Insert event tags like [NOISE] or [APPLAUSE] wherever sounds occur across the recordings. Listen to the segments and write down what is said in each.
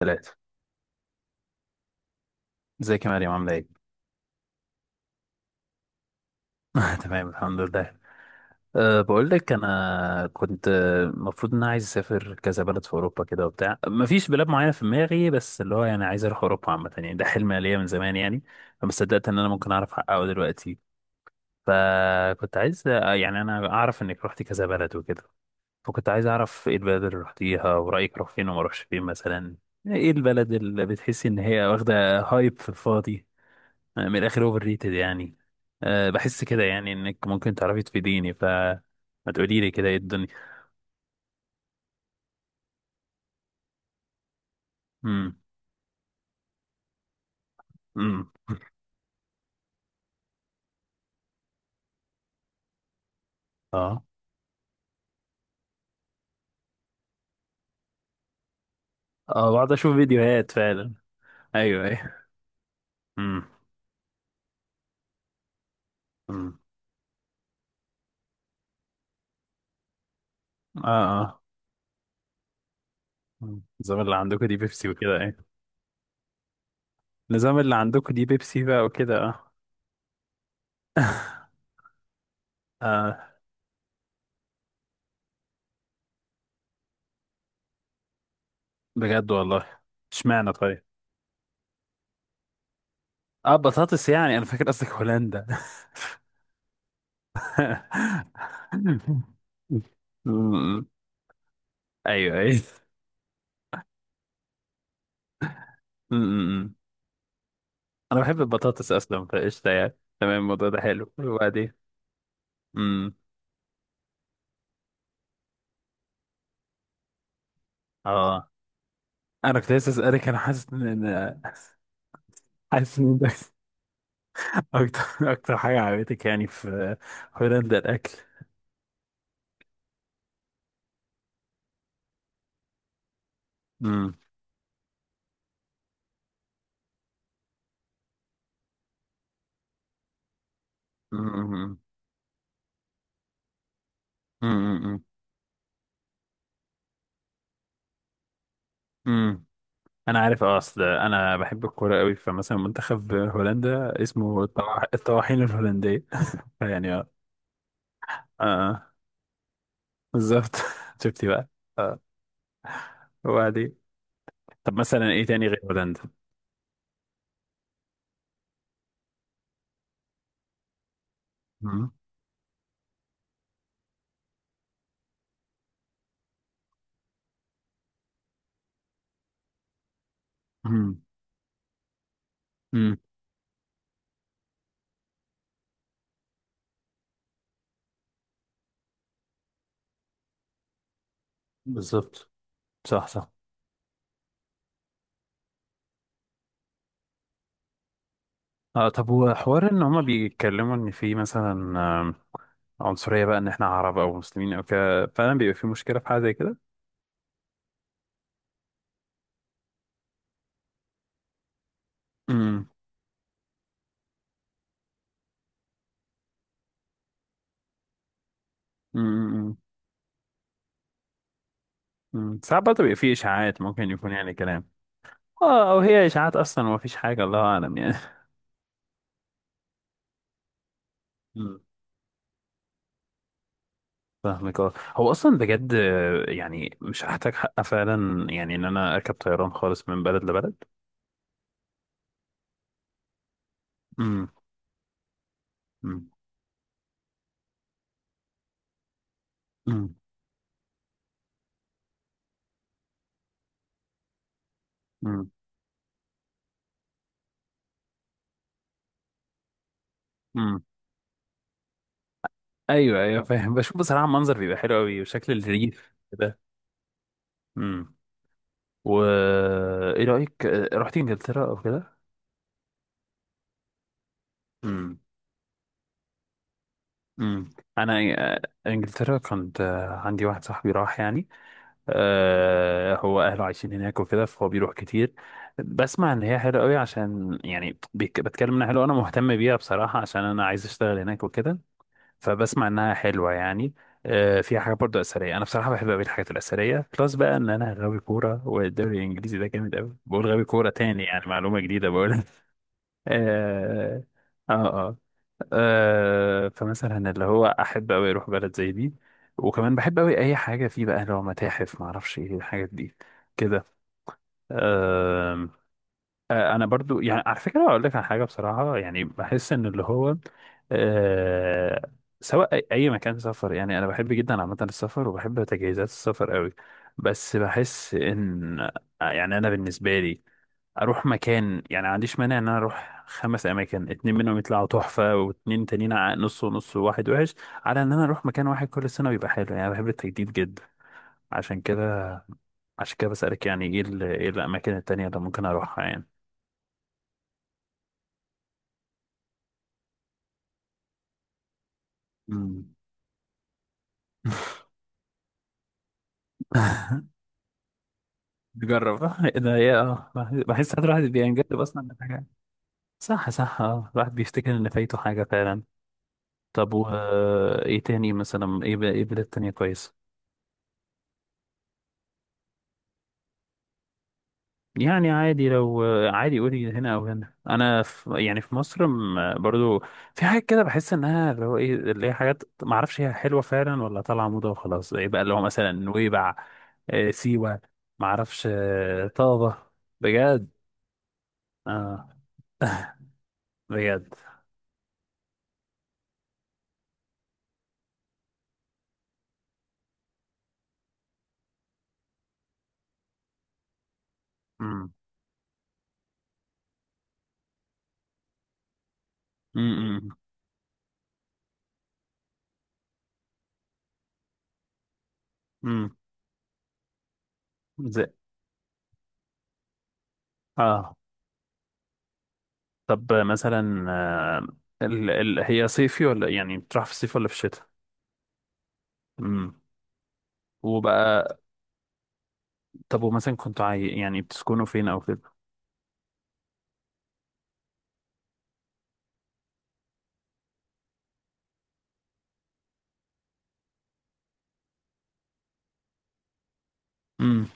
ثلاثة. ازيك يا مريم، عاملة ايه؟ [LAUGHS] تمام، الحمد لله. بقول لك انا كنت، المفروض ان انا عايز اسافر كذا بلد في اوروبا كده وبتاع، مفيش بلاد معينة في دماغي، بس اللي هو يعني عايز اروح اوروبا عامة، يعني ده حلم ليا من زمان يعني. فما صدقت ان انا ممكن اعرف احققه دلوقتي. فكنت عايز، يعني انا اعرف انك رحتي كذا بلد وكده. فكنت عايز اعرف ايه البلد اللي رحتيها، ورأيك اروح فين وما اروحش فين مثلا. ايه البلد اللي بتحسي ان هي واخدة هايب في الفاضي. أنا من الاخر اوفر ريتد يعني. أه بحس كده يعني انك ممكن تعرفي تفيديني، فما تقولي لي كده ايه الدنيا. امم. امم. اه. اه، بقعد اشوف فيديوهات فعلا. ايوه، ايوه. امم. امم. اه. اه. مم. النظام اللي عندكم دي بيبسي وكده، ايه؟ النظام اللي عندكم دي بيبسي بقى وكده، اه. [LAUGHS] اه. بجد والله. اشمعنى طيب. اه، بطاطس، يعني انا فاكر قصدك هولندا. [LAUGHS] امم. ايوه، ايوه. امم. انا بحب البطاطس اصلا، فقشطه يعني تمام، الموضوع ده حلو. وبعدين امم اه انا كنت لسه اسالك، انا حاسس ان إن- [LAUGHS] حاسس ان ده [LAUGHS] اكتر اكتر حاجه عجبتك يعني في هولندا، الاكل. امم. امم. امم. امم. انا عارف، اصل انا بحب الكوره قوي، فمثلا منتخب هولندا اسمه الطواحين الهولنديه [LAUGHS] يعني، اه. اه بالظبط، [LAUGHS] شفتي بقى. اه. وبعدين طب مثلا ايه تاني غير هولندا؟ امم. بالظبط. صح، صح. آه طب هو حوار ان هما بيتكلموا ان في مثلا عنصرية بقى ان احنا عرب او مسلمين او كده، فعلا بيبقى في مشكلة في حاجة زي كده؟ امم. امم. أمم. ساعات برضه بيبقى في اشاعات، ممكن يكون يعني كلام. اه، او هي اشاعات اصلا ومفيش حاجة، الله اعلم يعني. أمم. فاهمك. اه هو اصلا بجد، يعني مش هحتاج حق فعلا يعني ان انا اركب طيران خالص من بلد لبلد. امم. امم. امم. أمم. ايوه، ايوه، فاهم، بشوف بصراحه منظر بيبقى حلو قوي، وشكل الريف كده. امم. و ايه رايك، رحت انجلترا او كده؟ امم. امم. انا، آه، انجلترا كنت، عندي واحد صاحبي راح يعني، هو اهله عايشين هناك وكده، فهو بيروح كتير. بسمع ان هي حلوه قوي، عشان يعني بيك- بتكلم انها حلوه، انا مهتم بيها بصراحه، عشان انا عايز اشتغل هناك وكده. فبسمع انها حلوه يعني. فيها حاجه برضو اثريه، انا بصراحه بحب قوي الحاجات الاثريه، بلس بقى ان انا غاوي كوره، والدوري الانجليزي ده جامد قوي. بقول غاوي كوره تاني يعني، معلومه جديده بقول [LAUGHS] اه. اه، آه فمثلا اللي هو احب قوي اروح بلد زي دي. وكمان بحب قوي اي حاجه فيه بقى اللي هو متاحف، ما اعرفش ايه الحاجات دي كده. آه، انا برضو يعني على فكره اقول لك على حاجه بصراحه، يعني بحس ان اللي هو آه سواء اي أي مكان سفر يعني، انا بحب جدا عامه السفر، وبحب تجهيزات السفر قوي. بس بحس ان، يعني انا بالنسبه لي اروح مكان، يعني ما عنديش مانع ان انا اروح خمس اماكن، اتنين منهم يطلعوا تحفه واتنين تانيين نص ونص، وواحد وحش. على ان انا اروح مكان واحد كل سنه ويبقى حلو يعني، أنا بحب التجديد جدا. عشان كده، بسالك يعني ايه ايه الاماكن التانيه اللي ممكن اروحها يعني. مم. نجرب، إيه ده ايه، اه بحس ساعات الواحد بينجذب اصلا لحاجة. صح، صح. اه الواحد بيفتكر ان فايته حاجة فعلا. طب و، ايه تاني مثلا، ايه ايه بلاد تانية كويسة؟ يعني عادي، لو، عادي، قولي هنا او هنا، انا في يعني في مصر برضو في حاجات كده بحس انها اللي هو ايه، اللي هي حاجات ما اعرفش هي حلوة فعلا ولا طالعة موضة وخلاص. ايه بقى اللي هو مثلا نويبع، سيوة، ما اعرفش، طابة. بجد. اه بجد. امم. امم. زي. اه طب مثلا آه هي صيفي ولا يعني بتروح في الصيف ولا في الشتاء؟ امم. وبقى طب ومثلا يعني بتسكنوا فين او كده؟ امم.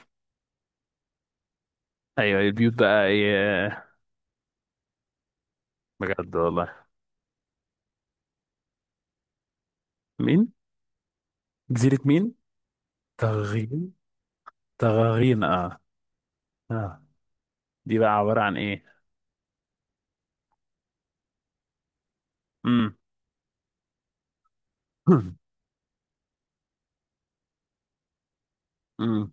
ايوه، البيوت بقى ايه؟ بجد والله. مين؟ جزيرة مين؟ تغغين. تغغين، اه. اه. دي بقى عبارة عن ايه؟ امم. [CLEARS THROAT] امم.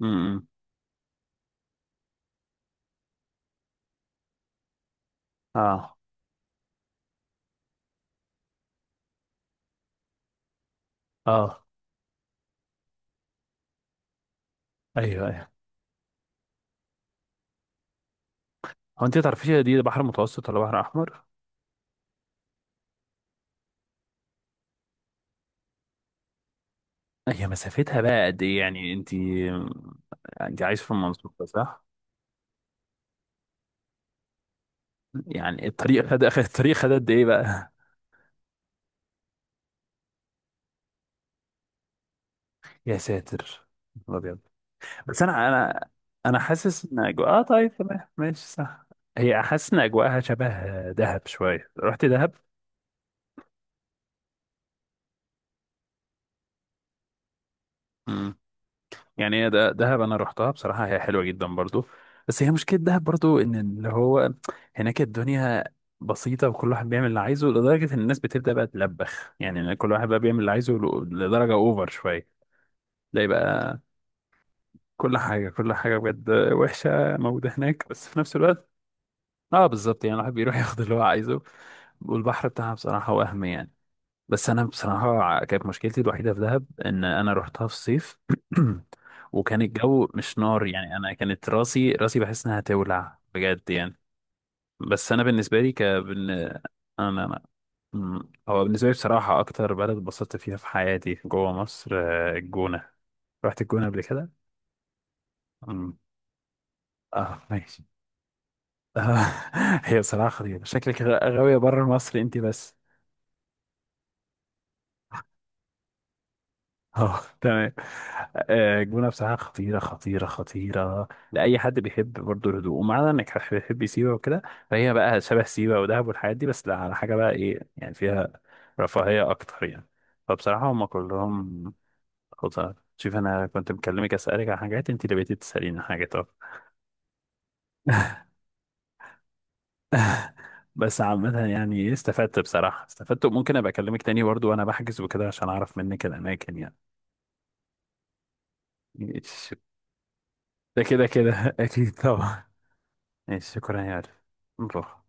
امم. اه. اه. ايوه، ايوه. هو انت تعرفيش دي بحر متوسط ولا بحر احمر؟ هي مسافتها بقى قد ايه؟ يعني انت عايش في المنصورة صح؟ يعني الطريق الطريق خد قد ايه بقى؟ [LAUGHS] يا ساتر. يا نهار ابيض. بس انا، انا حاسس ان اجواء، اه طيب، تمام، ماشي، صح. هي حاسس ان اجواءها شبه دهب شوية، رحت دهب؟ يعني هي، ده دهب انا رحتها بصراحه، هي حلوه جدا برضو. بس هي مشكله دهب برضو ان اللي هو هناك الدنيا بسيطه، وكل واحد بيعمل اللي عايزه، لدرجه ان الناس بتبدا بقى تلبخ يعني، كل واحد بقى بيعمل اللي عايزه، لدرجه اوفر شويه. تلاقي بقى كل حاجه كل حاجه بجد وحشه موجوده هناك، بس في نفس الوقت اه بالظبط يعني الواحد بيروح [LAUGHS] ياخد اللي هو عايزه. والبحر بتاعها بصراحه وهم يعني. بس انا بصراحه كانت مشكلتي الوحيده في دهب ان انا رحتها في الصيف. [CLEARS THROAT] وكان الجو مش نار يعني، انا كانت راسي راسي بحس انها تولع بجد يعني. بس انا بالنسبه لي ك بن... انا انا أمم، هو بالنسبه لي بصراحه اكتر بلد اتبسطت فيها في حياتي جوه مصر، الجونه. رحت الجونه قبل كده؟ أمم. اه ماشي. آه، [LAUGHS] هي صراحه خطيره، شكلك غاويه بره مصر انت بس. [LAUGHS] اه تمام. الجونة بصراحة خطيرة خطيرة خطيرة لأي حد بيحب برضه الهدوء، ومعنى إنك بتحب سيوة وكده، فهي بقى شبه سيوة ودهب والحاجات دي، بس لا، على حاجة بقى إيه يعني، فيها رفاهية أكتر يعني. فبصراحة هما كلهم خطر. شوف أنا كنت مكلمك أسألك عن حاجات، أنت اللي بقيتي تسأليني عن حاجات، أه. بس عامة يعني إيه، استفدت بصراحة، استفدت، وممكن أبقى أكلمك تاني برضه وأنا بحجز وكده عشان أعرف منك الأماكن يعني. ماشي. ده كده كده [LAUGHS] أكيد طبعا. ماشي، شكرا يا عارف. نروح.